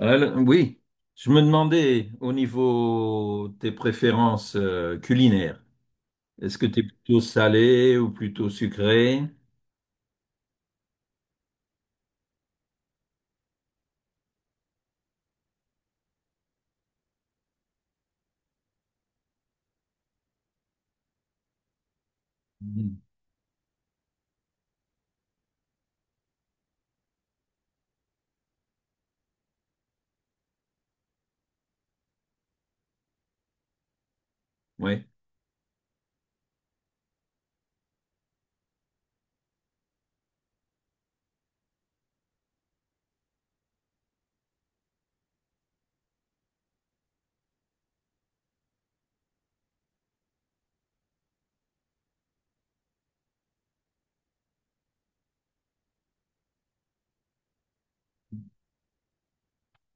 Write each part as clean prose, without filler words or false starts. Oui, je me demandais au niveau des préférences culinaires, est-ce que tu es plutôt salé ou plutôt sucré? Mhm. Ouais.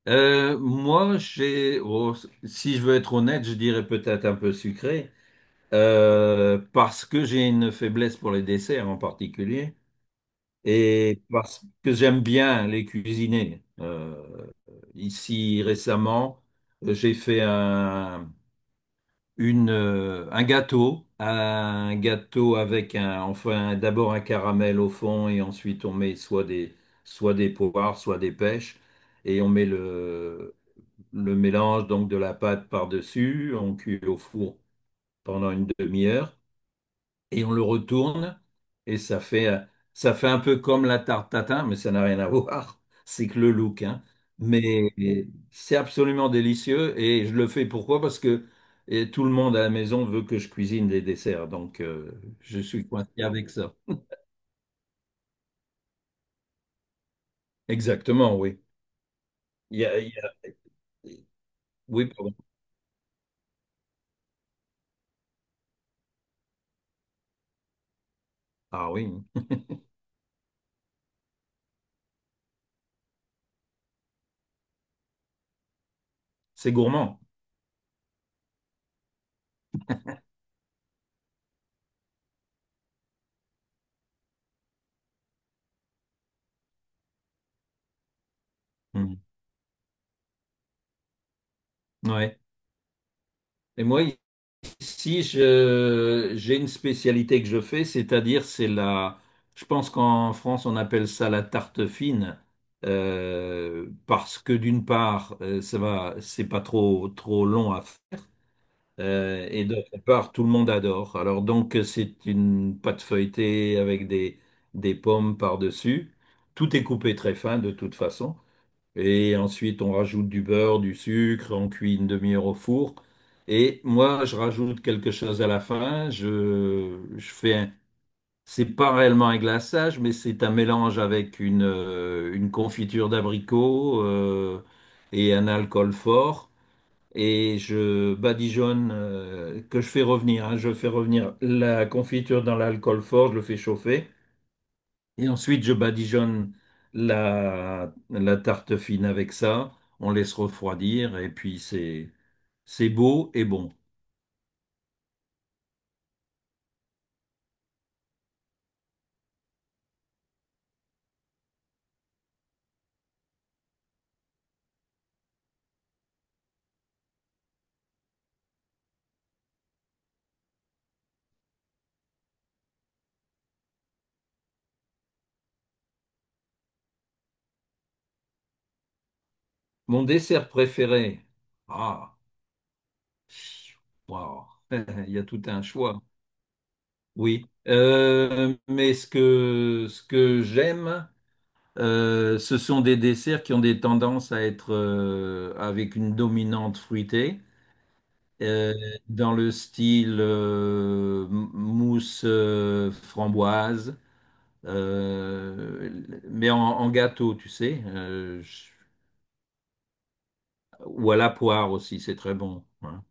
Moi, oh, si je veux être honnête, je dirais peut-être un peu sucré, parce que j'ai une faiblesse pour les desserts en particulier, et parce que j'aime bien les cuisiner. Ici, récemment, j'ai fait un. Un gâteau avec un, enfin d'abord un caramel au fond et ensuite on met soit des poires, soit des pêches et on met le mélange donc de la pâte par-dessus, on cuit au four pendant une demi-heure et on le retourne et ça fait un peu comme la tarte tatin, mais ça n'a rien à voir. C'est que le look, hein. Mais c'est absolument délicieux et je le fais pourquoi? Parce que et tout le monde à la maison veut que je cuisine des desserts, donc je suis coincé avec ça. Exactement, oui. Il y a- il y a- Oui, pardon. Ah oui, c'est gourmand. Mm. Ouais. Et moi, Si je, j'ai une spécialité que je fais, je pense qu'en France on appelle ça la tarte fine, parce que d'une part ça va, c'est pas trop trop long à faire, et d'autre part tout le monde adore. Alors donc c'est une pâte feuilletée avec des pommes par-dessus. Tout est coupé très fin de toute façon. Et ensuite, on rajoute du beurre, du sucre, on cuit une demi-heure au four. Et moi, je rajoute quelque chose à la fin. Je fais un, c'est pas réellement un glaçage, mais c'est un mélange avec une confiture d'abricot et un alcool fort. Et je badigeonne, que je fais revenir, hein. Je fais revenir la confiture dans l'alcool fort, je le fais chauffer. Et ensuite, je badigeonne la tarte fine avec ça. On laisse refroidir et puis c'est beau et bon. Mon dessert préféré. Ah, waouh, il y a tout un choix. Oui. Mais ce que j'aime, ce sont des desserts qui ont des tendances à être avec une dominante fruitée. Euh, Dans le style mousse framboise, mais en, en gâteau, tu sais, ou à la poire aussi, c'est très bon, hein.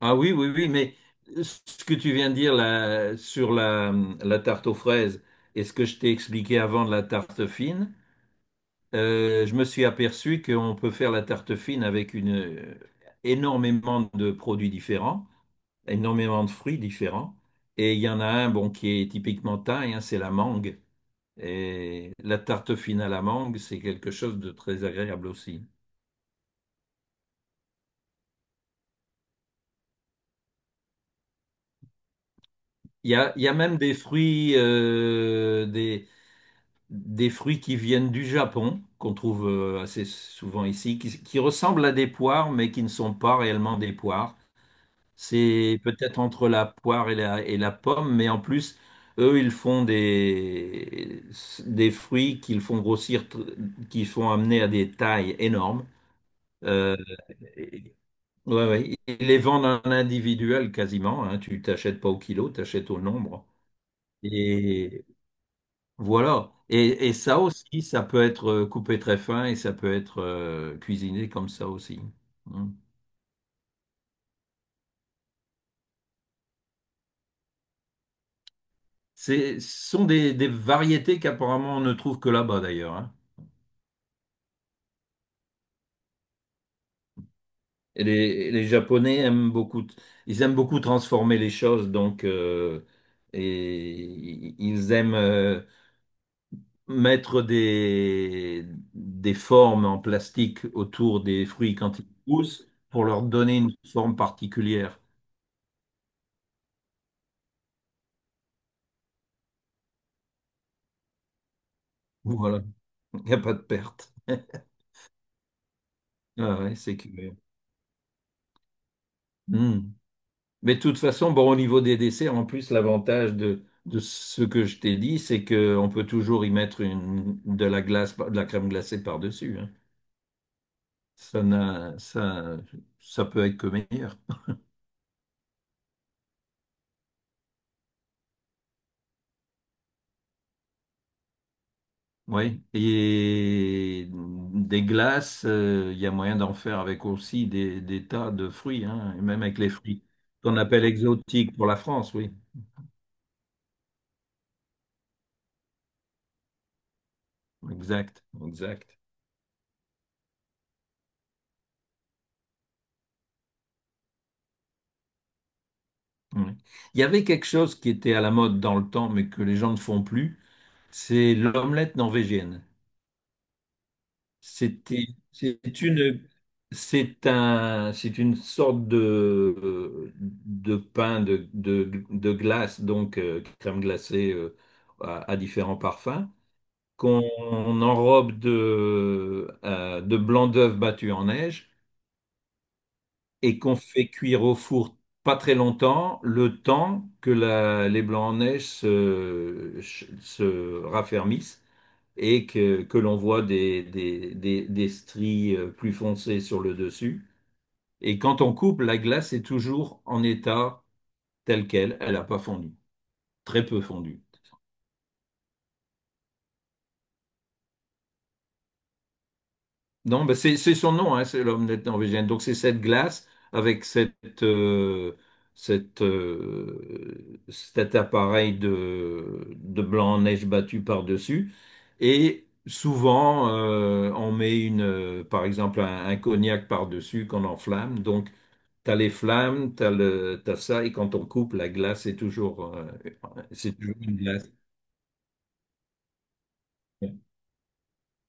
Ah oui, oui, oui, mais ce que tu viens de dire là, sur la tarte aux fraises et ce que je t'ai expliqué avant de la tarte fine. Je me suis aperçu qu'on peut faire la tarte fine avec énormément de produits différents, énormément de fruits différents. Et il y en a un bon, qui est typiquement thaï, hein, c'est la mangue. Et la tarte fine à la mangue, c'est quelque chose de très agréable aussi. Il y a même des des fruits qui viennent du Japon, qu'on trouve assez souvent ici, qui ressemblent à des poires, mais qui ne sont pas réellement des poires. C'est peut-être entre la poire et et la pomme, mais en plus, eux, des fruits qu'ils font grossir, qu'ils font amener à des tailles énormes. Euh, et- ouais, ouais. Ils les vendent en individuel quasiment, hein. Tu t'achètes pas au kilo, t'achètes au nombre. Et voilà. Et ça aussi, ça peut être coupé très fin et ça peut être cuisiné comme ça aussi. Hmm. Ce sont des variétés qu'apparemment on ne trouve que là-bas d'ailleurs, hein. Et les Japonais aiment beaucoup, ils aiment beaucoup transformer les choses, donc ils aiment mettre des formes en plastique autour des fruits quand ils poussent pour leur donner une forme particulière. Voilà, il n'y a pas de perte. Ah ouais, c'est curieux. Hmm. Mais de toute façon, bon, au niveau des desserts, en plus, l'avantage de ce que je t'ai dit, c'est qu'on peut toujours y mettre de la glace, de la crème glacée par-dessus, hein. Ça n'a, Ça peut être que meilleur. Oui. Et des glaces, il y a moyen d'en faire avec aussi des tas de fruits, hein, et même avec les fruits qu'on appelle exotiques pour la France, oui. Exact, exact. Oui. Il y avait quelque chose qui était à la mode dans le temps, mais que les gens ne font plus, c'est l'omelette norvégienne. C'était, c'est une, c'est un, C'est une sorte de pain de glace, donc crème glacée à différents parfums, qu'on enrobe de blanc d'œuf battu en neige et qu'on fait cuire au four pas très longtemps, le temps que les blancs en se raffermissent et que l'on voit des stries plus foncées sur le dessus. Et quand on coupe, la glace est toujours en état tel quel. Elle n'a pas fondu, très peu fondu. Non, ben c'est son nom, hein, c'est l'omelette norvégienne. Donc c'est cette glace avec cette, cet de blanc en neige battu par-dessus. Et souvent, on met par exemple un cognac par-dessus qu'on enflamme. Donc t'as les flammes, t'as ça, et quand on coupe, la glace est toujours, c'est toujours une glace.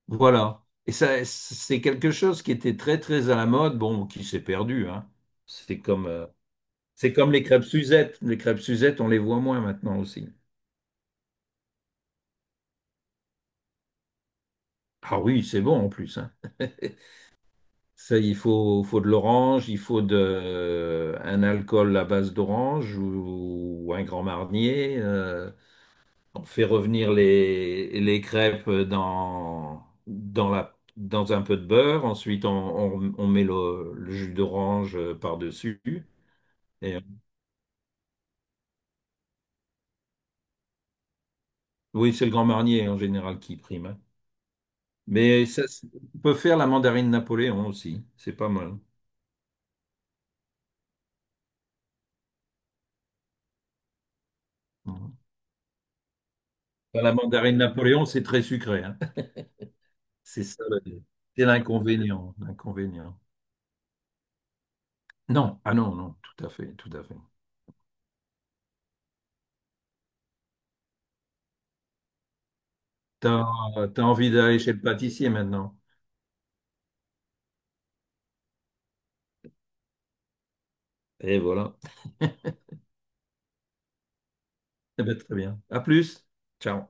Voilà. Et ça, c'est quelque chose qui était très, très à la mode, bon, qui s'est perdu, hein. C'est comme, euh, c'est comme les crêpes Suzette. Les crêpes Suzette, on les voit moins maintenant aussi. Ah oui, c'est bon en plus, hein. Ça, faut de l'orange, un alcool à base d'orange ou un Grand Marnier. On fait revenir les crêpes dans dans un peu de beurre. Ensuite, on met le jus d'orange par-dessus. Et, euh, oui, c'est le Grand Marnier en général qui prime, hein. Mais on peut faire la mandarine Napoléon aussi. C'est pas mal. Mhm. Enfin, la mandarine Napoléon, c'est très sucré, hein. C'est ça, le- c'est l'inconvénient. L'inconvénient. Non, ah non, non, tout à fait, tout à fait. T'as, T'as envie d'aller chez le pâtissier maintenant. Et voilà. Eh ben, très bien. À plus. Ciao.